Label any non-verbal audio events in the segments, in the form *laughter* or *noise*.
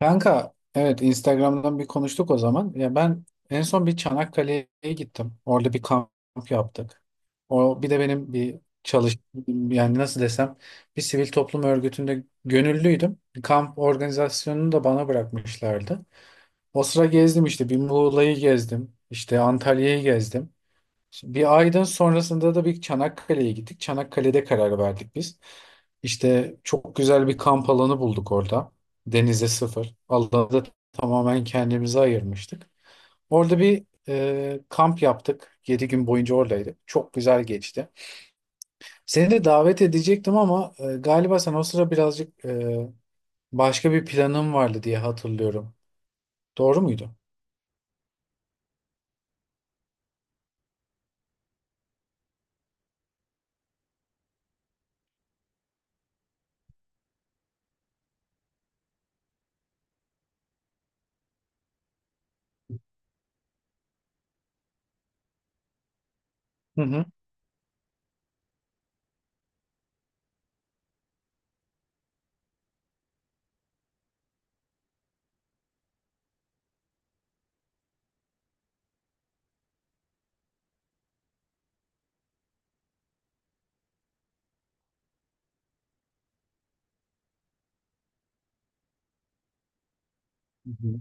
Kanka evet Instagram'dan bir konuştuk o zaman. Ya ben en son bir Çanakkale'ye gittim. Orada bir kamp yaptık. O bir de benim bir çalış yani nasıl desem bir sivil toplum örgütünde gönüllüydüm. Kamp organizasyonunu da bana bırakmışlardı. O sıra gezdim işte bir Muğla'yı gezdim. İşte Antalya'yı gezdim. Şimdi bir aydan sonrasında da bir Çanakkale'ye gittik. Çanakkale'de karar verdik biz. İşte çok güzel bir kamp alanı bulduk orada. Denize sıfır. Alanı da tamamen kendimize ayırmıştık. Orada bir kamp yaptık. 7 gün boyunca oradaydık. Çok güzel geçti. Seni de davet edecektim ama galiba sen o sıra birazcık başka bir planın vardı diye hatırlıyorum. Doğru muydu? Hı hı. Hı hı.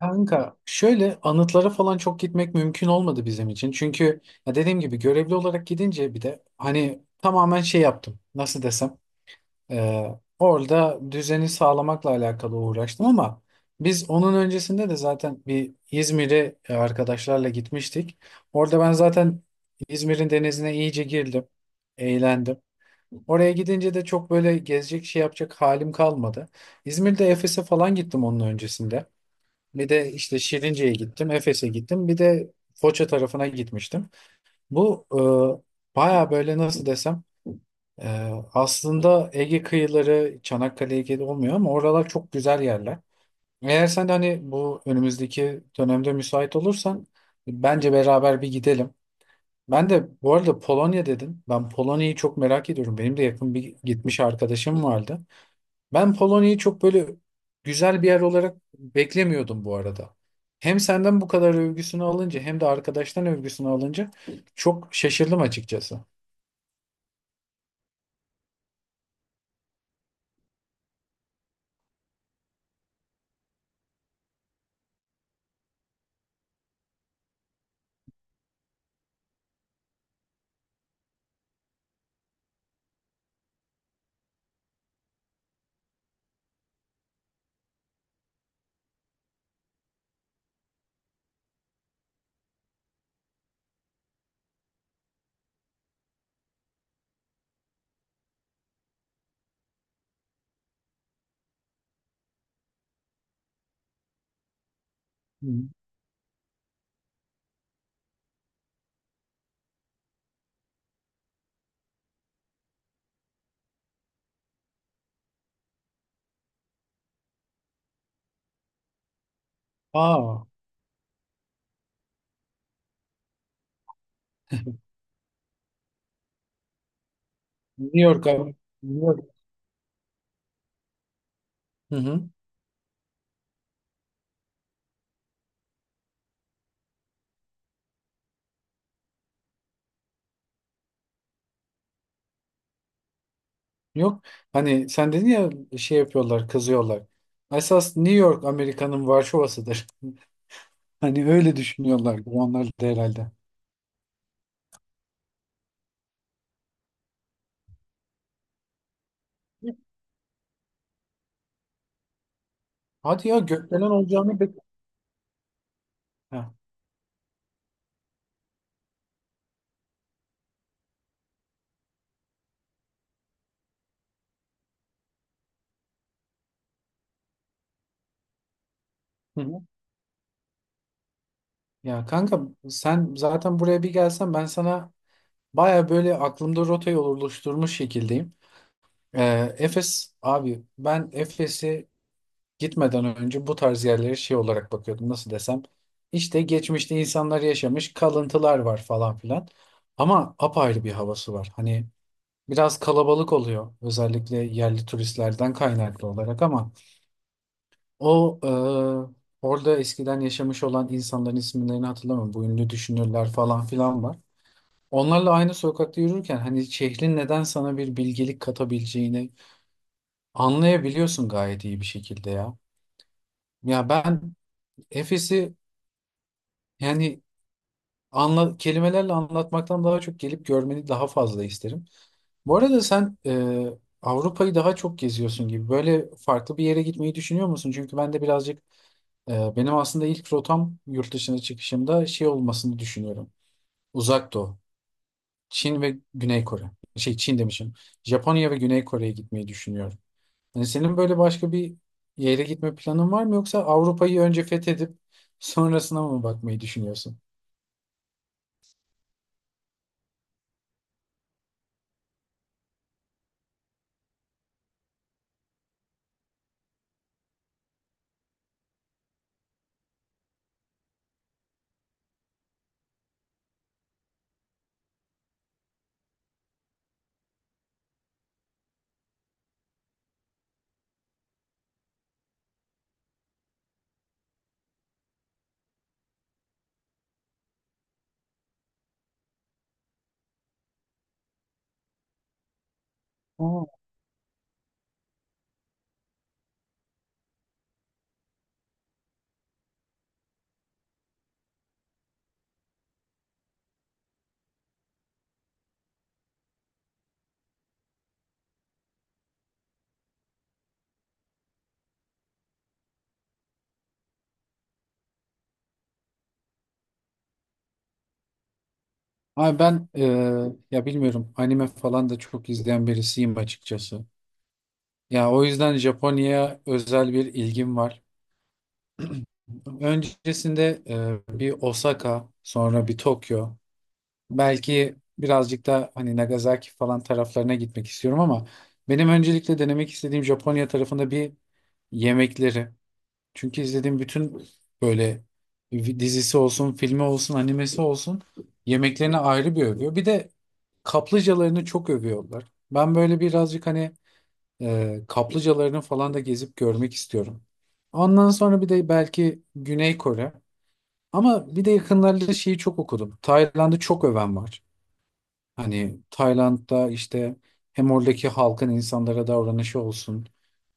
Kanka şöyle anıtlara falan çok gitmek mümkün olmadı bizim için. Çünkü ya dediğim gibi görevli olarak gidince bir de hani tamamen şey yaptım. Nasıl desem e, orada düzeni sağlamakla alakalı uğraştım ama biz onun öncesinde de zaten bir İzmir'e arkadaşlarla gitmiştik. Orada ben zaten İzmir'in denizine iyice girdim. Eğlendim. Oraya gidince de çok böyle gezecek şey yapacak halim kalmadı. İzmir'de Efes'e falan gittim onun öncesinde. Bir de işte Şirince'ye gittim, Efes'e gittim. Bir de Foça tarafına gitmiştim. Bu baya böyle nasıl desem e, aslında Ege kıyıları Çanakkale Ege'de olmuyor ama oralar çok güzel yerler. Eğer sen de hani bu önümüzdeki dönemde müsait olursan bence beraber bir gidelim. Ben de bu arada Polonya dedin. Ben Polonya'yı çok merak ediyorum. Benim de yakın bir gitmiş arkadaşım vardı. Ben Polonya'yı çok böyle güzel bir yer olarak beklemiyordum bu arada. Hem senden bu kadar övgüsünü alınca hem de arkadaştan övgüsünü alınca çok şaşırdım açıkçası. Hı. Aa, New York abi. New York. Hı hı. Yok. Hani sen dedin ya şey yapıyorlar, kızıyorlar. Esas New York Amerika'nın Varşova'sıdır. *laughs* Hani öyle düşünüyorlar onlar da herhalde. Hadi ya gökdelen olacağını. Ha. Hı hı. Ya kanka sen zaten buraya bir gelsen ben sana. Baya böyle aklımda rotayı oluşturmuş şekildeyim. Efes abi ben Efes'e gitmeden önce bu tarz yerlere şey olarak bakıyordum nasıl desem. İşte geçmişte insanlar yaşamış kalıntılar var falan filan. Ama apayrı bir havası var. Hani biraz kalabalık oluyor özellikle yerli turistlerden kaynaklı olarak ama o orada eskiden yaşamış olan insanların isimlerini hatırlamıyorum. Bu ünlü düşünürler falan filan var. Onlarla aynı sokakta yürürken hani şehrin neden sana bir bilgelik katabileceğini anlayabiliyorsun gayet iyi bir şekilde ya. Ya ben Efes'i yani kelimelerle anlatmaktan daha çok gelip görmeni daha fazla isterim. Bu arada sen Avrupa'yı daha çok geziyorsun gibi. Böyle farklı bir yere gitmeyi düşünüyor musun? Çünkü ben de birazcık benim aslında ilk rotam yurt dışına çıkışımda şey olmasını düşünüyorum. Uzak Doğu. Çin ve Güney Kore. Şey Çin demişim. Japonya ve Güney Kore'ye gitmeyi düşünüyorum. Yani senin böyle başka bir yere gitme planın var mı yoksa Avrupa'yı önce fethedip *laughs* sonrasına mı bakmayı düşünüyorsun? Aa. Abi ben ya bilmiyorum anime falan da çok izleyen birisiyim açıkçası. Ya o yüzden Japonya'ya özel bir ilgim var. Öncesinde bir Osaka, sonra bir Tokyo. Belki birazcık da hani Nagasaki falan taraflarına gitmek istiyorum ama benim öncelikle denemek istediğim Japonya tarafında bir yemekleri. Çünkü izlediğim bütün böyle dizisi olsun, filmi olsun, animesi olsun yemeklerini ayrı bir övüyor. Bir de kaplıcalarını çok övüyorlar. Ben böyle birazcık hani kaplıcalarını falan da gezip görmek istiyorum. Ondan sonra bir de belki Güney Kore. Ama bir de yakınlarda şeyi çok okudum. Tayland'ı çok öven var. Hani Tayland'da işte hem oradaki halkın insanlara davranışı olsun.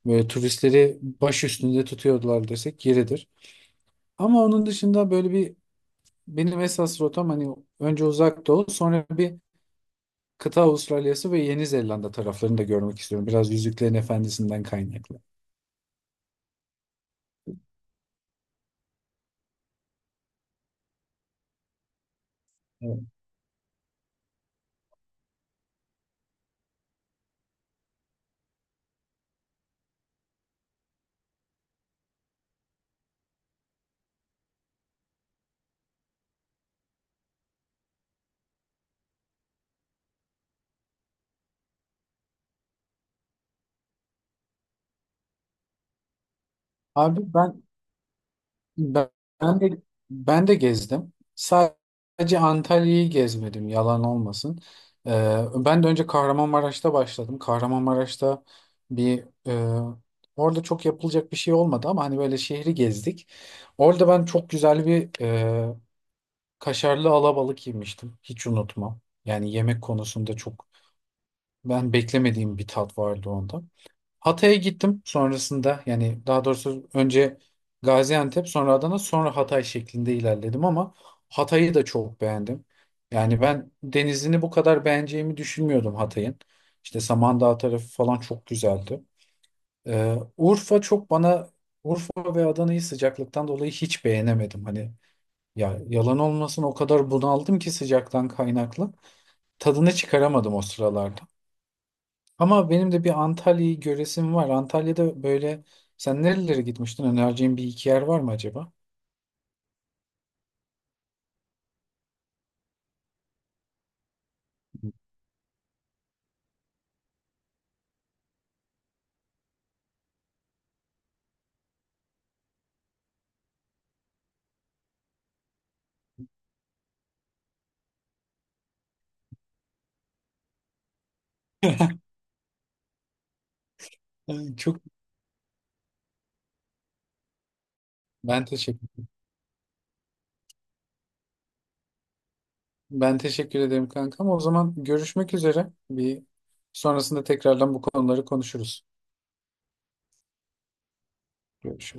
Böyle turistleri baş üstünde tutuyordular desek yeridir. Ama onun dışında böyle bir benim esas rotam hani önce Uzak Doğu sonra bir kıta Avustralya'sı ve Yeni Zelanda taraflarını da görmek istiyorum. Biraz Yüzüklerin Efendisi'nden kaynaklı. Evet. Abi ben Ben ben de ben de gezdim. Sadece Antalya'yı gezmedim, yalan olmasın. Ben de önce Kahramanmaraş'ta başladım. Kahramanmaraş'ta bir orada çok yapılacak bir şey olmadı ama hani böyle şehri gezdik. Orada ben çok güzel bir kaşarlı alabalık yemiştim. Hiç unutmam. Yani yemek konusunda çok ben beklemediğim bir tat vardı onda. Hatay'a gittim sonrasında yani daha doğrusu önce Gaziantep sonra Adana sonra Hatay şeklinde ilerledim ama Hatay'ı da çok beğendim. Yani ben denizini bu kadar beğeneceğimi düşünmüyordum Hatay'ın. İşte Samandağ tarafı falan çok güzeldi. Urfa çok bana Urfa ve Adana'yı sıcaklıktan dolayı hiç beğenemedim. Hani ya yalan olmasın o kadar bunaldım ki sıcaktan kaynaklı. Tadını çıkaramadım o sıralarda. Ama benim de bir Antalya'yı göresim var. Antalya'da böyle sen nerelere gitmiştin? Önereceğin bir iki yer var mı acaba? *laughs* Çok ben teşekkür ben teşekkür ederim kanka ama o zaman görüşmek üzere. Bir sonrasında tekrardan bu konuları konuşuruz. Görüşürüz.